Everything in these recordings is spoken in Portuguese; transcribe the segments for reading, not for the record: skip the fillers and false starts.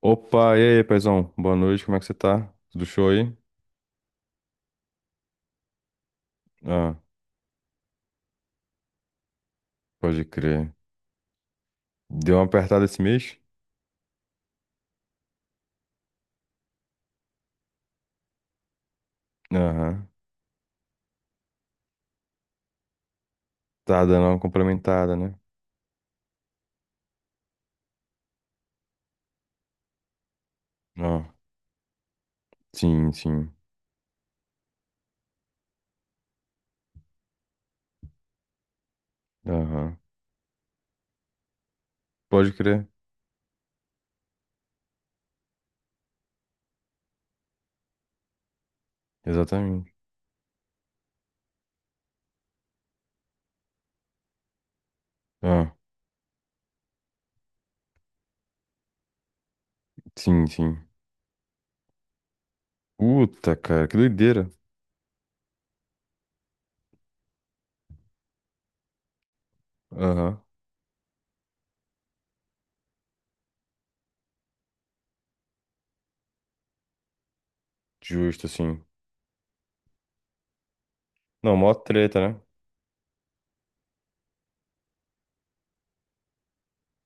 Opa, e aí, paizão? Boa noite, como é que você tá? Tudo show aí? Ah, pode crer. Deu uma apertada esse mês? Aham. Tá dando uma complementada, né? Ah, sim, sim. Aham. Pode crer. Exatamente. Ah, sim, sim. Puta, cara, que doideira. Aham. Justo, sim. Não, mó treta, né?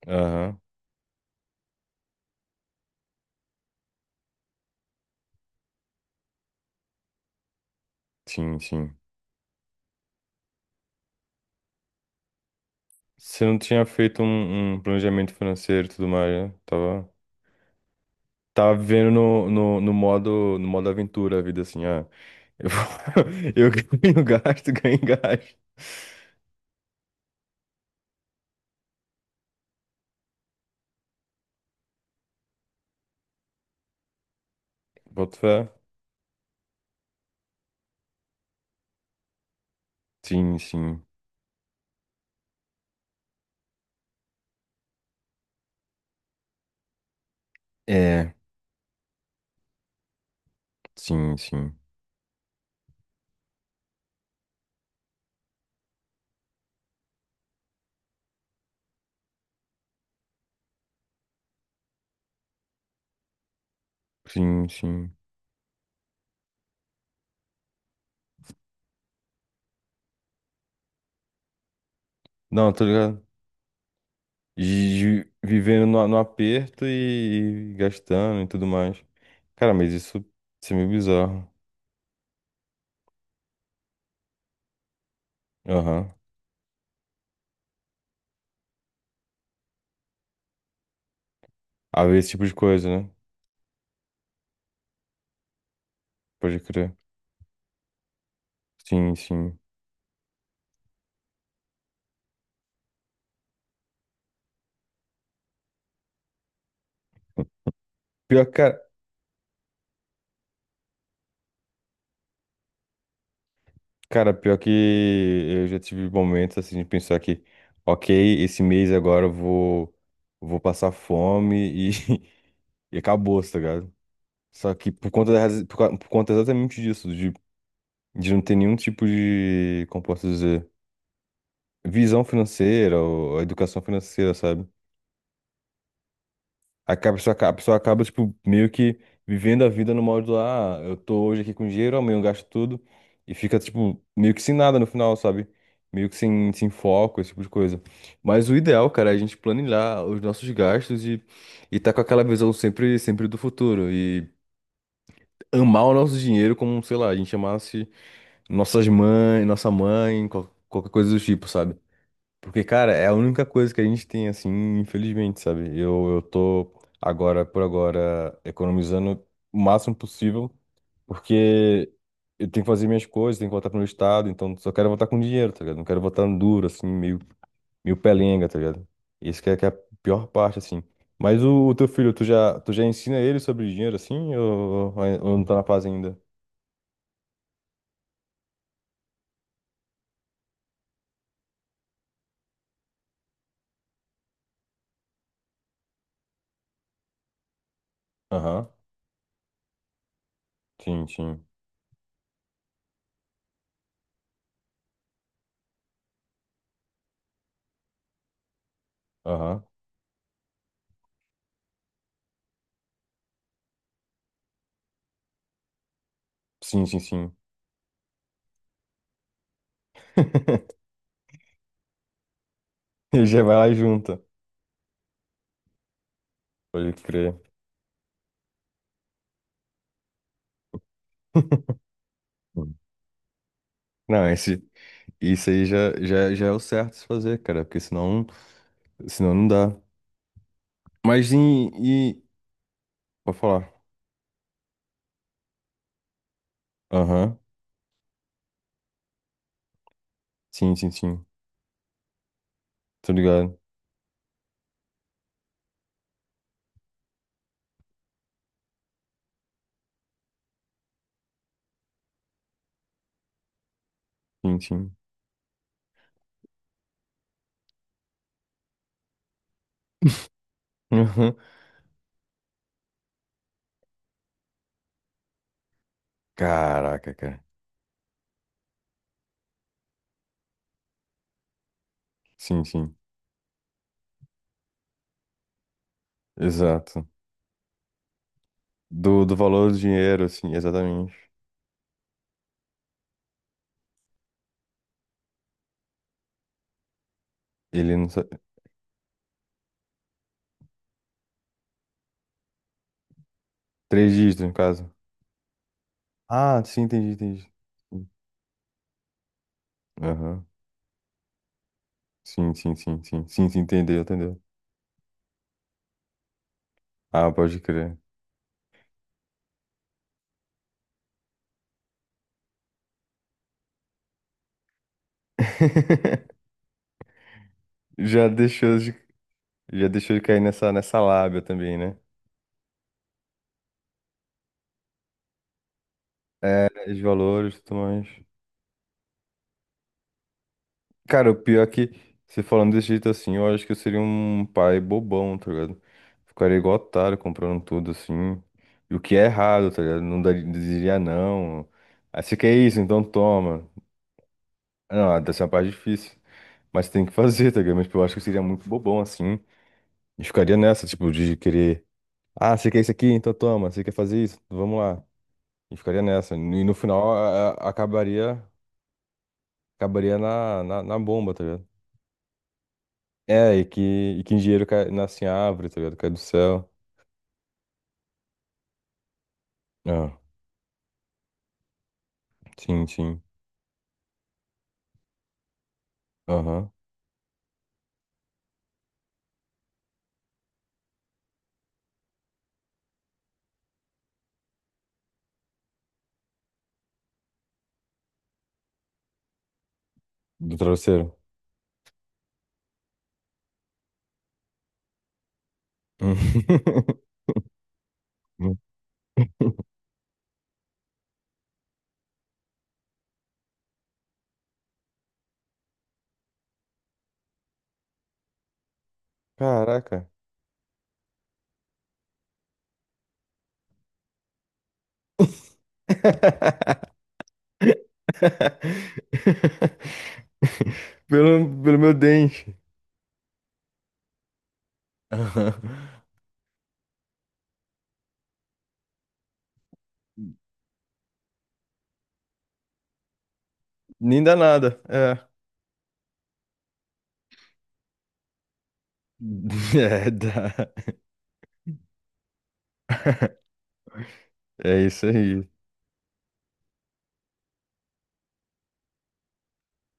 Aham. Sim, sim. Você não tinha feito um planejamento financeiro e tudo mais, né? Tava. Tava vivendo no modo aventura a vida, assim, eu, vou- eu ganho gasto, ganho gasto. Boto fé? Sim, sim. É, sim, sim. Sim, sim. Não, tô ligado. Gi- Vivendo no aperto e gastando e tudo mais. Cara, mas isso é meio bizarro. Aham. Haver esse tipo de coisa, né? Pode crer. Sim, sim. Pior, que Cara, pior que eu já tive momentos assim de pensar que, ok, esse mês agora eu vou passar fome e, e acabou, tá ligado? Só que por conta, da raz- por, ca- por conta exatamente disso, de não ter nenhum tipo de, como posso dizer, visão financeira ou educação financeira, sabe? A pessoa acaba, tipo, meio que vivendo a vida no modo, ah, eu tô hoje aqui com dinheiro, amanhã eu gasto tudo, e fica, tipo, meio que sem nada no final, sabe? Meio que sem, sem foco, esse tipo de coisa. Mas o ideal, cara, é a gente planejar os nossos gastos e tá com aquela visão sempre, sempre do futuro. E amar o nosso dinheiro como, sei lá, a gente amasse nossas mães, nossa mãe, qualquer coisa do tipo, sabe? Porque, cara, é a única coisa que a gente tem, assim, infelizmente, sabe? Eu tô agora, por agora, economizando o máximo possível, porque eu tenho que fazer minhas coisas, tenho que voltar pro meu estado, então só quero voltar com dinheiro, tá ligado? Não quero voltar duro, assim, meio pelenga, tá ligado? Isso que é a pior parte, assim. Mas o teu filho, tu já ensina ele sobre dinheiro, assim, ou não tá na fase ainda? Aham, sim, sim. Aham. Sim, sim, sim. Ele já vai lá e junta. Pode crer. Não, isso aí já é o certo se fazer, cara, porque senão não dá. Mas e, e... Pode falar. Aham. Sim, sim, sim. Tô ligado. Sim, sim. Aham. Caraca, cara. Sim, sim. Exato. Do valor do dinheiro, assim, exatamente. Ele não sabe. Três dígitos, no caso. Ah, sim, entendi, entendi. Aham. Sim, sim, sim, sim. Sim, sim, entendeu, entendeu. Ah, pode crer. Já deixou de, já deixou de cair nessa lábia também, né? De valores e tudo mais. Cara, o pior é que, você falando desse jeito assim, eu acho que eu seria um pai bobão, tá ligado? Ficaria igual otário comprando tudo assim. E o que é errado, tá ligado? Não diria não. Aí você quer isso, então toma. Não, dessa é uma parte difícil. Mas tem que fazer, tá ligado? Mas tipo, eu acho que eu seria muito bobão assim. E ficaria nessa, tipo, de querer. Ah, você quer isso aqui? Então toma. Você quer fazer isso? Vamos lá. E ficaria nessa. E no final acabaria na bomba, tá ligado? É, e que engenheiro cai, nasce em árvore, tá ligado? Cai do céu. Ah, sim, sim. Aham. Do travesseiro. Hum. Caraca. Pelo meu dente. Aham. Nem dá nada. É. É, dá. É isso aí.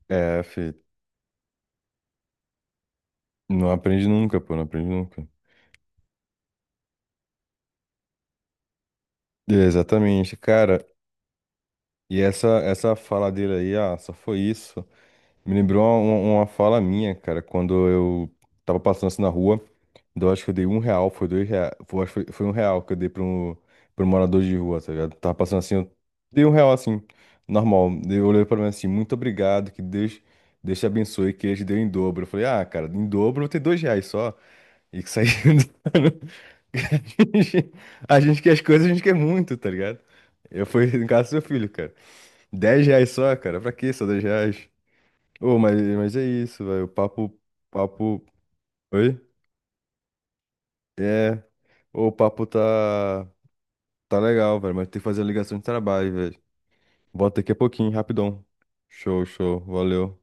É, filho. Não aprende nunca, pô, não aprende nunca. É, exatamente, cara. E essa fala dele aí, ah, só foi isso. Me lembrou uma fala minha, cara, quando eu tava passando assim na rua, então eu acho que eu dei R$ 1, foi R$ 2, foi, acho que foi, foi R$ 1 que eu dei pra um morador de rua, tá ligado? Tava passando assim, eu dei um real assim, normal. Daí eu olhei pra mim assim, muito obrigado, que Deus te abençoe, que ele te deu em dobro. Eu falei, ah, cara, em dobro eu vou ter R$ 2 só. E que saiu. A gente quer as coisas, a gente quer muito, tá ligado? Eu fui em casa do seu filho, cara. R$ 10 só, cara, pra que só R$ 10? Ô, mas é isso, velho. O papo, papo. Oi? É. Ô, o papo tá. Tá legal, velho. Mas tem que fazer a ligação de trabalho, velho. Volta daqui a pouquinho, rapidão. Show, show. Valeu.